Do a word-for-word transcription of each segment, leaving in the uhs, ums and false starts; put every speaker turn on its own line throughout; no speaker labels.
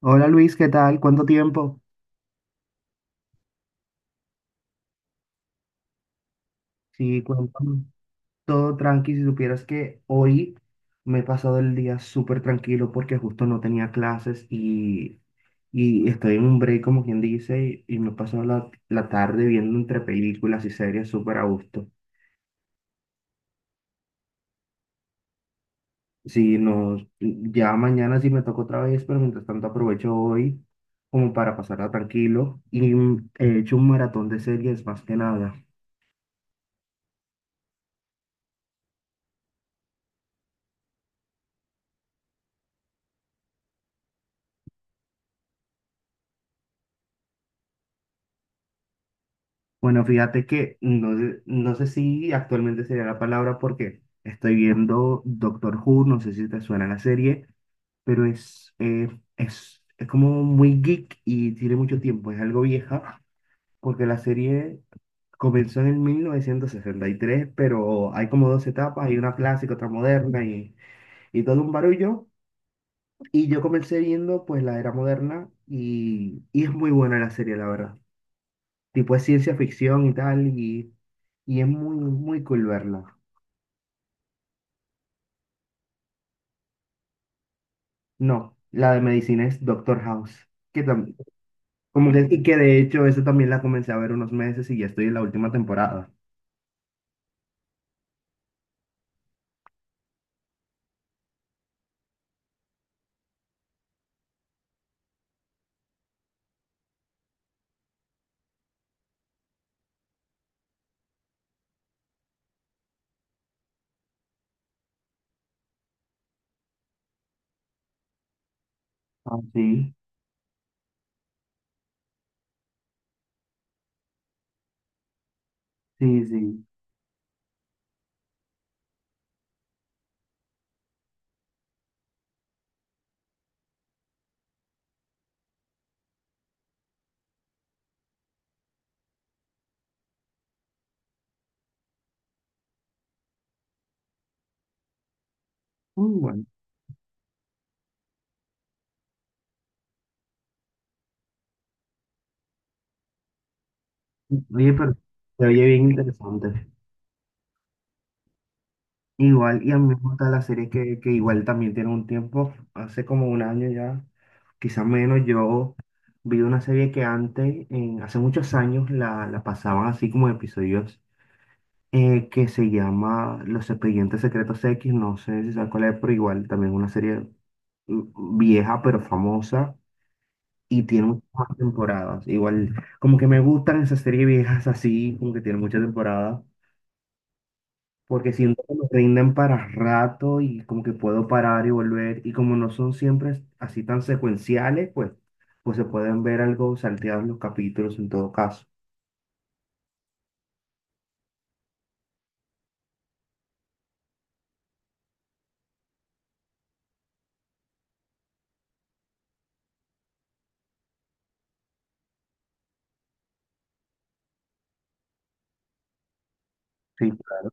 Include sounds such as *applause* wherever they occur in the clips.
Hola Luis, ¿qué tal? ¿Cuánto tiempo? Sí, cuéntame. Todo tranqui, si supieras que hoy me he pasado el día súper tranquilo porque justo no tenía clases y, y estoy en un break, como quien dice, y, y me he pasado la, la tarde viendo entre películas y series súper a gusto. Sí, no, ya mañana sí me toca otra vez, pero mientras tanto aprovecho hoy como para pasarla tranquilo y mm, he hecho un maratón de series más que nada. Bueno, fíjate que no, sé- no sé si actualmente sería la palabra porque estoy viendo Doctor Who, no sé si te suena la serie, pero es, eh, es, es como muy geek y tiene mucho tiempo, es algo vieja, porque la serie comenzó en el mil novecientos sesenta y tres, pero hay como dos etapas, hay una clásica, otra moderna y, y todo un barullo. Y yo comencé viendo pues la era moderna y, y es muy buena la serie, la verdad tipo es ciencia ficción y tal, y, y es muy, muy cool verla. No, la de medicina es Doctor House, que tam- como que, y que de hecho eso también la comencé a ver unos meses y ya estoy en la última temporada. Ah, sí, sí, sí. Muy bueno. Oye, pero se oye bien interesante. Igual, y a mí me gusta la serie que, que igual también tiene un tiempo, hace como un año ya, quizás menos. Yo vi una serie que antes, en- hace muchos años, la, la pasaban así como episodios, eh, que se llama Los Expedientes Secretos X, no sé si sabes cuál es, pero igual también es una serie mm, vieja pero famosa y tiene muchas temporadas. Igual, como que me gustan esas series viejas así, como que tienen muchas temporadas, porque siento que me rinden para rato y como que puedo parar y volver y como no son siempre así tan secuenciales, pues, pues se pueden ver algo salteados los capítulos en todo caso. Sí, claro.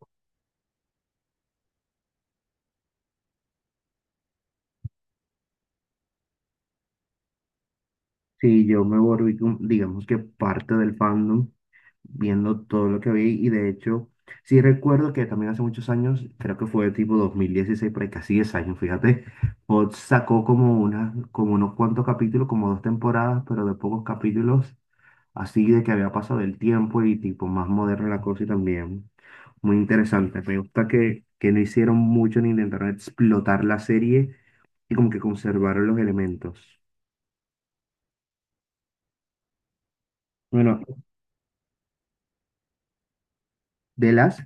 Sí, yo me volví, como- digamos que parte del fandom, viendo todo lo que vi. Y de hecho, sí recuerdo que también hace muchos años, creo que fue tipo dos mil dieciséis, por ahí casi diez años, fíjate, *laughs* Fox sacó como una, como unos cuantos capítulos, como dos temporadas, pero de pocos capítulos, así de que había pasado el tiempo y tipo más moderna la cosa, y también muy interesante. Me gusta que, que no hicieron mucho ni intentaron explotar la serie y como que conservaron los elementos. Bueno, de las,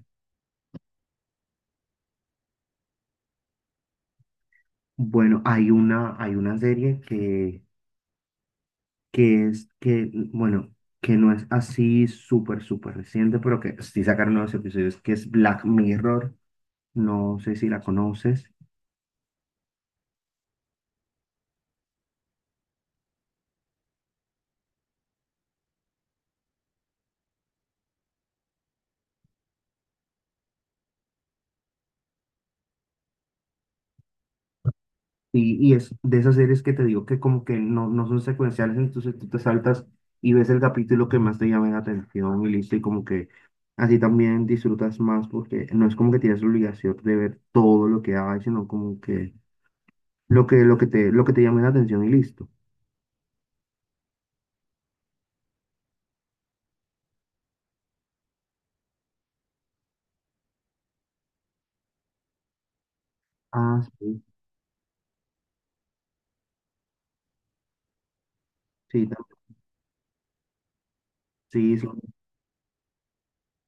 bueno, hay una, hay una, serie que que es que, bueno, que no es así súper, súper reciente, pero que sí sacaron nuevos episodios, que es Black Mirror, no sé si la conoces, y, y es de esas series que te digo que como que no, no son secuenciales, entonces tú te saltas y ves el capítulo que más te llama la atención y listo, y como que así también disfrutas más, porque no es como que tienes la obligación de ver todo lo que hay, sino como que lo que, lo que te, lo que te llame la atención y listo. Ah, sí, sí, tam- sí, sí.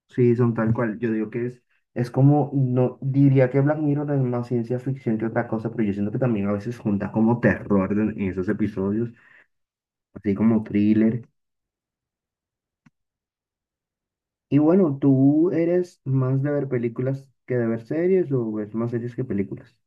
Sí, son tal cual. Yo digo que es, es como, no, diría que Black Mirror es más ciencia ficción que otra cosa, pero yo siento que también a veces junta como terror en, en esos episodios, así como thriller. Y bueno, ¿tú eres más de ver películas que de ver series o ves más series que películas?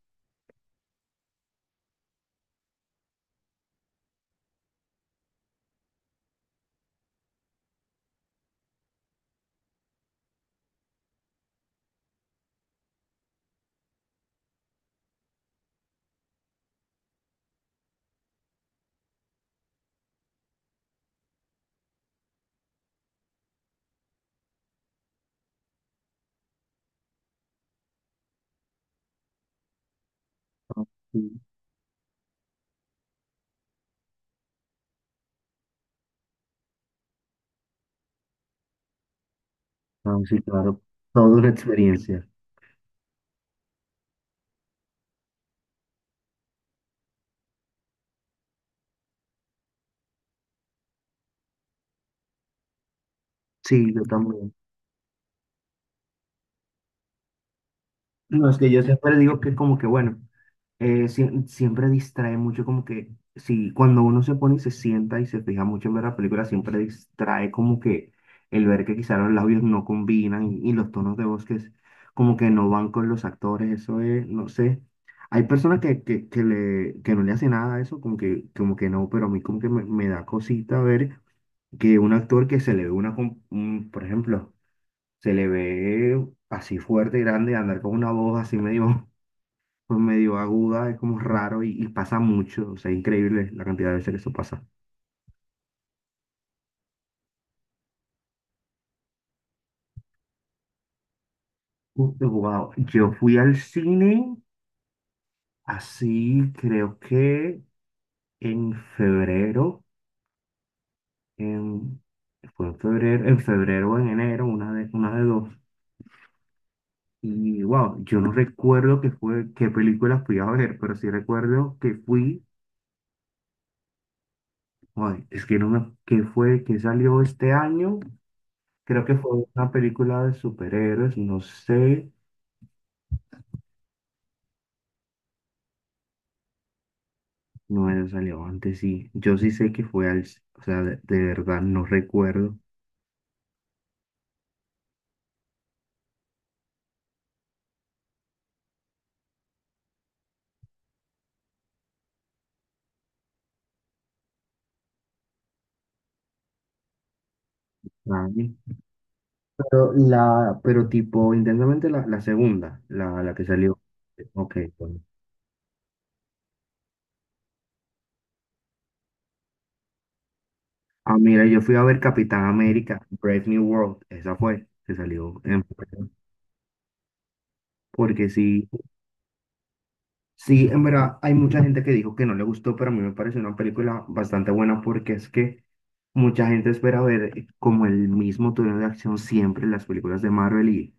Ah, sí, ah, sí, claro. Todo es una experiencia. Sí, yo también. No, es que yo siempre digo que como que bueno. Eh, sie- siempre distrae mucho, como que si cuando uno se pone y se sienta y se fija mucho en ver la película, siempre distrae como que el ver que quizá los labios no combinan y, y los tonos de voz que es- como que no van con los actores, eso es, no sé. Hay personas que, que, que le, que no le hace nada a eso, como que, como que no, pero a mí como que me, me da cosita ver que un actor que se le ve una, com- un- por ejemplo, se le ve así fuerte, grande, andar con una voz así medio por medio aguda, es como raro y, y pasa mucho, o sea, increíble la cantidad de veces que eso pasa. Wow, yo fui al cine, así creo que en febrero, en, fue en febrero, en febrero o en enero, una de, una de dos. Y wow, yo no recuerdo qué fue, qué película fui a ver, pero sí recuerdo que fui, ay, es que no me, qué fue, que salió este año, creo que fue una película de superhéroes, no sé. No es relevante, sí. Yo sí sé que fue al, o sea, de, de verdad no recuerdo la año, pero la, pero tipo, intensamente la, la segunda, la, la que salió. Ok, bueno. Ah, mira, yo fui a ver Capitán América, Brave New World, esa fue, que salió en febrero. Porque sí, sí, en verdad, hay mucha gente que dijo que no le gustó, pero a mí me pareció una película bastante buena, porque es que mucha gente espera ver eh, como el mismo tono de acción siempre en las películas de Marvel, y,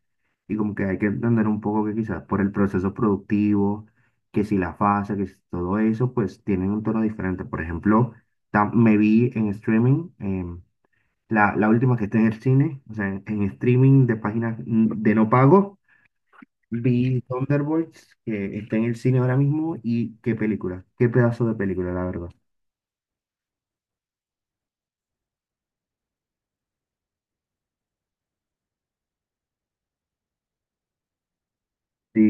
y como que hay que entender un poco que quizás por el proceso productivo, que si la fase, que si todo eso, pues tienen un tono diferente. Por ejemplo, tam- me vi en streaming, em, la, la última que está en el cine, o sea, en, en streaming de páginas, mm, de no pago. Vi Thunderbolts, que está en el cine ahora mismo, y qué película, qué pedazo de película, la verdad. Sí,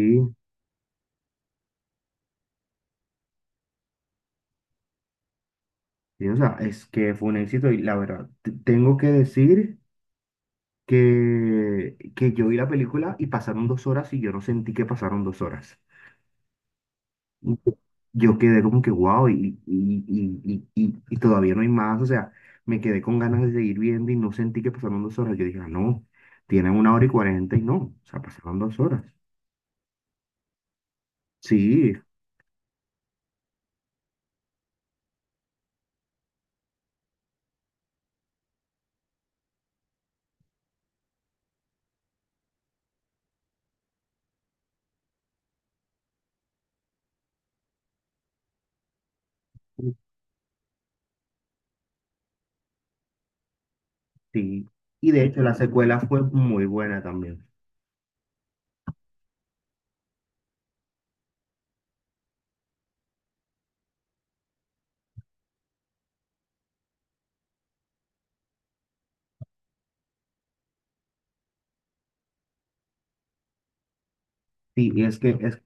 sí, o sea, es que fue un éxito y la verdad, t- tengo que decir que, que yo vi la película y pasaron dos horas y yo no sentí que pasaron dos horas. Y Yo quedé como que wow y, y, y, y, y- y todavía no hay más, o sea, me quedé con ganas de seguir viendo y no sentí que pasaron dos horas. Yo dije, ah, no, tienen una hora y cuarenta y no, o sea, pasaron dos horas. Sí. Sí, y de hecho la secuela fue muy buena también. Sí, y es que es,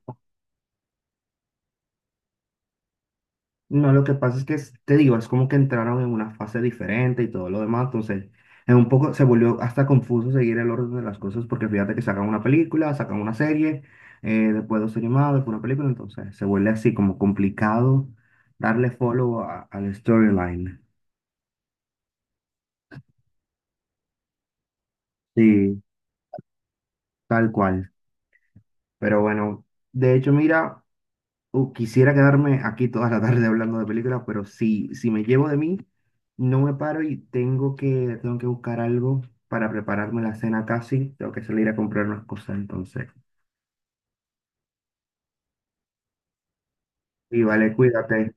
no, lo que pasa es que es- te digo, es como que entraron en una fase diferente y todo lo demás, entonces es un poco se volvió hasta confuso seguir el orden de las cosas, porque fíjate que sacan una película, sacan una serie, eh, después dos animados, después una película, entonces se vuelve así como complicado darle follow a- al storyline. Sí, tal cual. Pero bueno, de hecho, mira. Uh, quisiera quedarme aquí toda la tarde hablando de películas, pero si, si me llevo de mí, no me paro y tengo que, tengo que buscar algo para prepararme la cena casi. Tengo que salir a comprar unas cosas entonces. Y vale, cuídate.